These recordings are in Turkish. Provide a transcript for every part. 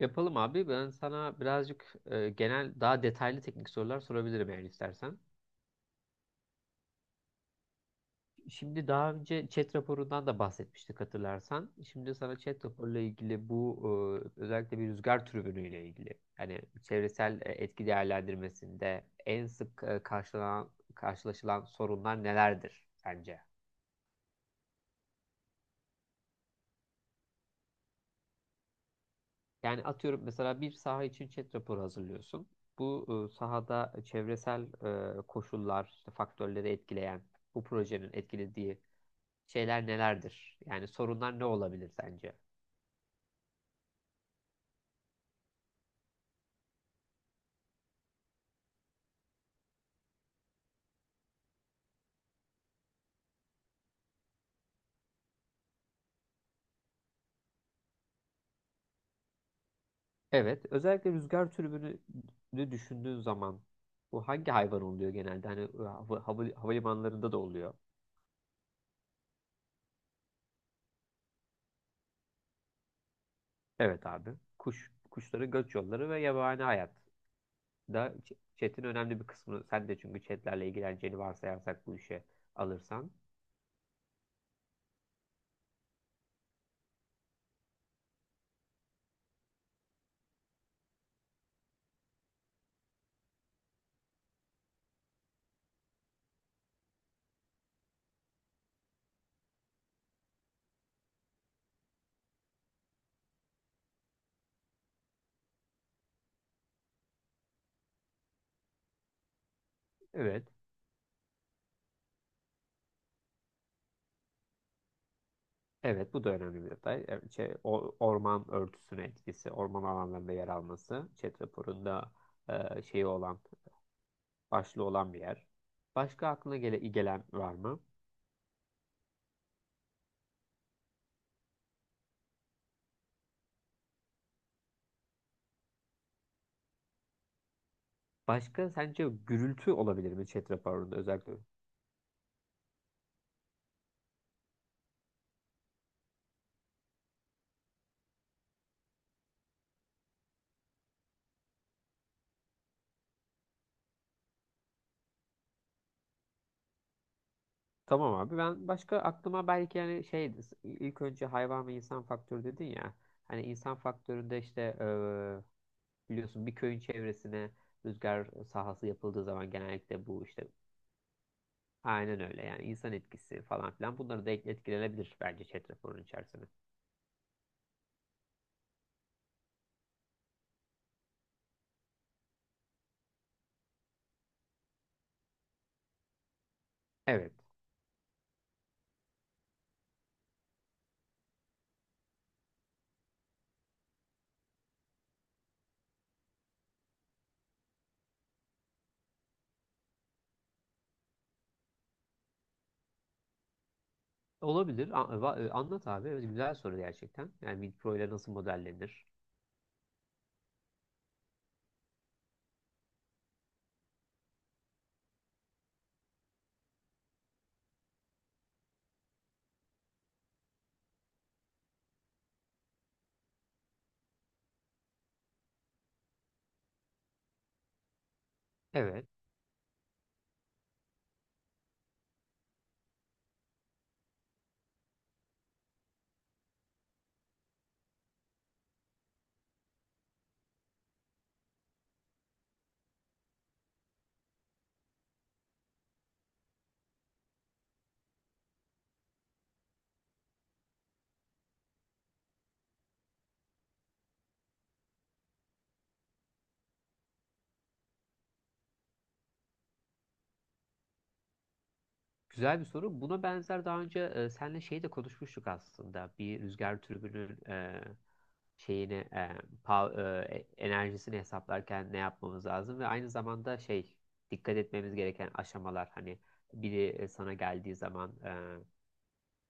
Yapalım abi. Ben sana birazcık genel daha detaylı teknik sorular sorabilirim eğer istersen. Şimdi daha önce chat raporundan da bahsetmiştik hatırlarsan. Şimdi sana chat raporuyla ilgili bu özellikle bir rüzgar türbünüyle ilgili yani çevresel etki değerlendirmesinde en sık e, karşılanan karşılaşılan sorunlar nelerdir sence? Yani atıyorum mesela bir saha için chat raporu hazırlıyorsun. Bu sahada çevresel koşullar, işte faktörleri etkileyen bu projenin etkilediği şeyler nelerdir? Yani sorunlar ne olabilir sence? Evet, özellikle rüzgar türbünü düşündüğün zaman bu hangi hayvan oluyor genelde? Hani havalimanlarında da oluyor. Evet abi. Kuşların göç yolları ve yabani hayat da chat'in önemli bir kısmını sen de, çünkü chat'lerle ilgileneceğini varsayarsak bu işe alırsan. Evet. Evet, bu da önemli bir detay. Evet. Orman örtüsüne etkisi, orman alanlarında yer alması, chat raporunda şeyi olan başlı olan bir yer. Başka aklına gele gelen var mı? Başka, sence gürültü olabilir mi chat raporunda özellikle? Tamam abi, ben başka aklıma belki yani şey ilk önce hayvan ve insan faktörü dedin ya. Hani insan faktöründe işte biliyorsun bir köyün çevresine rüzgar sahası yapıldığı zaman genellikle bu işte aynen öyle, yani insan etkisi falan filan bunları da etkilenebilir bence chat raporunun içerisine. Evet. Olabilir. Anlat abi. Evet, güzel soru gerçekten. Yani Wipro ile nasıl modellenir? Evet. Güzel bir soru. Buna benzer daha önce senle şey de konuşmuştuk aslında. Bir rüzgar türbünün şeyini pa- enerjisini hesaplarken ne yapmamız lazım ve aynı zamanda şey dikkat etmemiz gereken aşamalar, hani biri sana geldiği zaman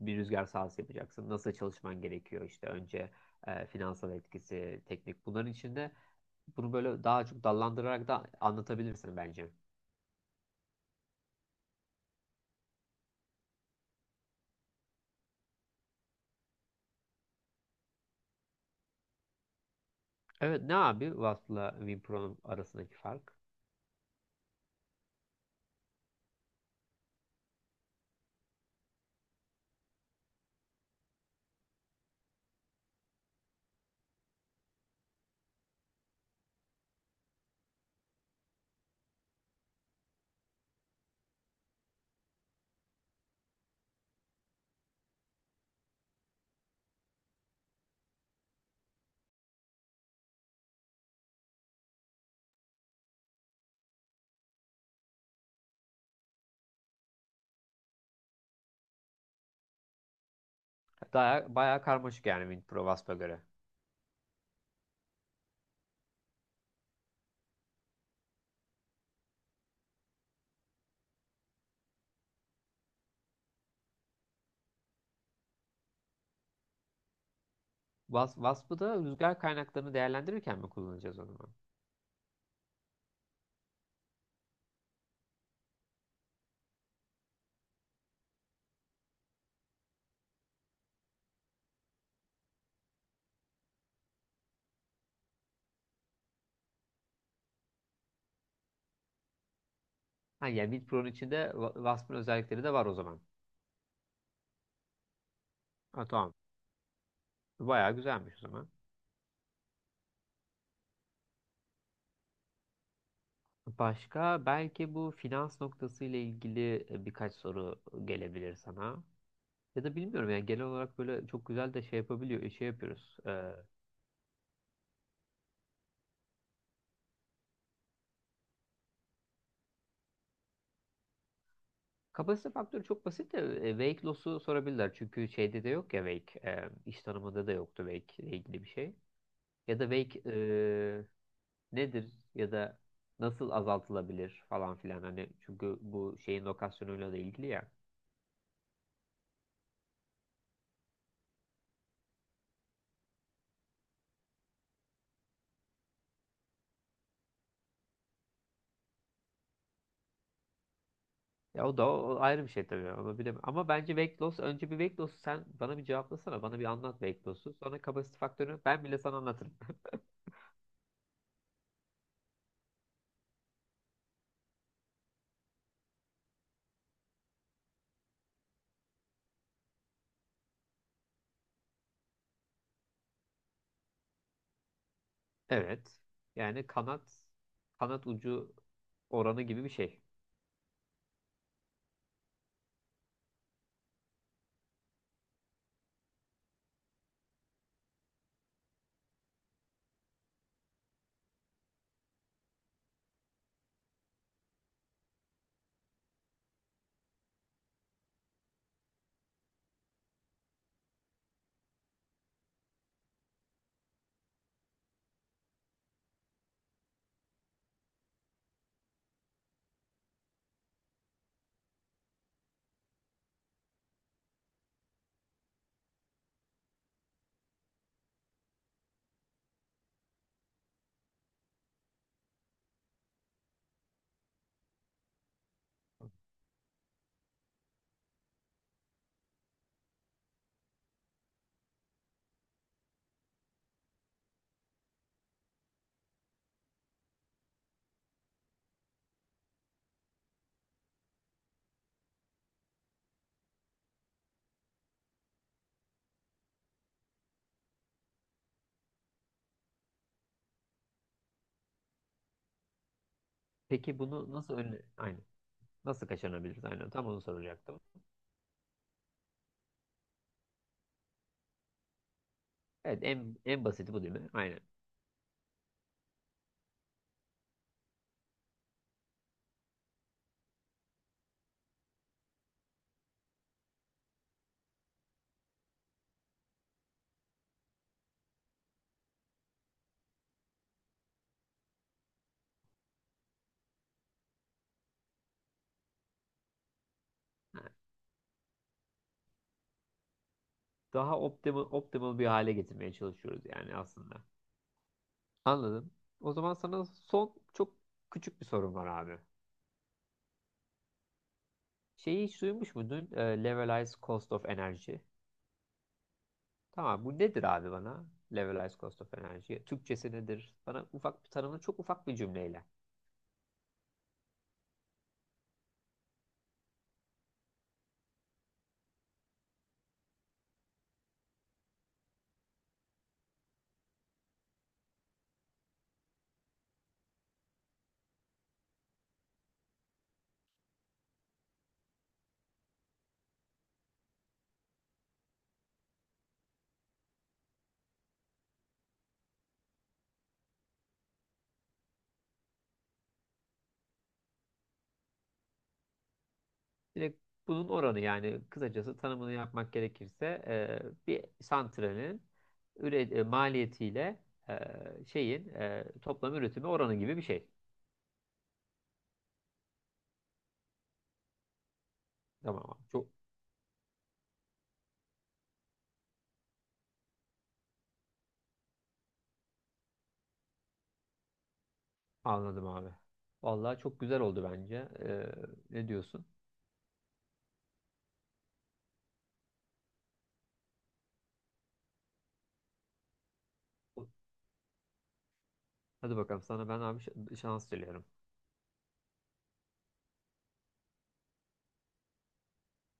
bir rüzgar sahası yapacaksın. Nasıl çalışman gerekiyor işte önce finansal etkisi, teknik bunların içinde, bunu böyle daha çok dallandırarak da anlatabilirsin bence. Evet, ne abi Wasp'la WinPro'nun arasındaki fark? Daha, bayağı karmaşık yani WinPro Wasp'a göre. Wasp'ı da rüzgar kaynaklarını değerlendirirken mi kullanacağız o zaman? Ha, yani WinPro'nun içinde Wasp'ın özellikleri de var o zaman. Ha, tamam. Bayağı güzelmiş o zaman. Başka belki bu finans noktası ile ilgili birkaç soru gelebilir sana. Ya da bilmiyorum, yani genel olarak böyle çok güzel de şey yapabiliyor, şey yapıyoruz. Kapasite faktörü çok basit de wake loss'u sorabilirler. Çünkü şeyde de yok ya wake. E, iş tanımında da yoktu wake ile ilgili bir şey. Ya da belki nedir ya da nasıl azaltılabilir falan filan, hani çünkü bu şeyin lokasyonuyla da ilgili ya. Ya o da o ayrı bir şey tabii, onu bilemem. Ama bence weight loss, önce bir weight loss sen bana bir cevaplasana, bana bir anlat weight loss'u. Sonra kapasite faktörünü ben bile sana anlatırım. Evet. Yani kanat ucu oranı gibi bir şey. Peki bunu nasıl önle, aynen. Nasıl kaçınabiliriz? Aynen tam onu soracaktım. Evet, en basiti bu değil mi? Aynen. Daha optimal bir hale getirmeye çalışıyoruz yani aslında. Anladım. O zaman sana son çok küçük bir sorum var abi. Şeyi hiç duymuş muydun? Levelized Cost of Energy. Tamam, bu nedir abi bana? Levelized Cost of Energy. Türkçesi nedir? Bana ufak bir tanımını, çok ufak bir cümleyle. Direkt bunun oranı yani, kısacası tanımını yapmak gerekirse bir santralin maliyetiyle e, şeyin toplam üretimi oranı gibi bir şey. Tamam abi. Çok. Anladım abi. Vallahi çok güzel oldu bence. Ne diyorsun? Hadi bakalım, sana ben abi şans diliyorum.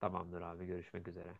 Tamamdır abi, görüşmek üzere.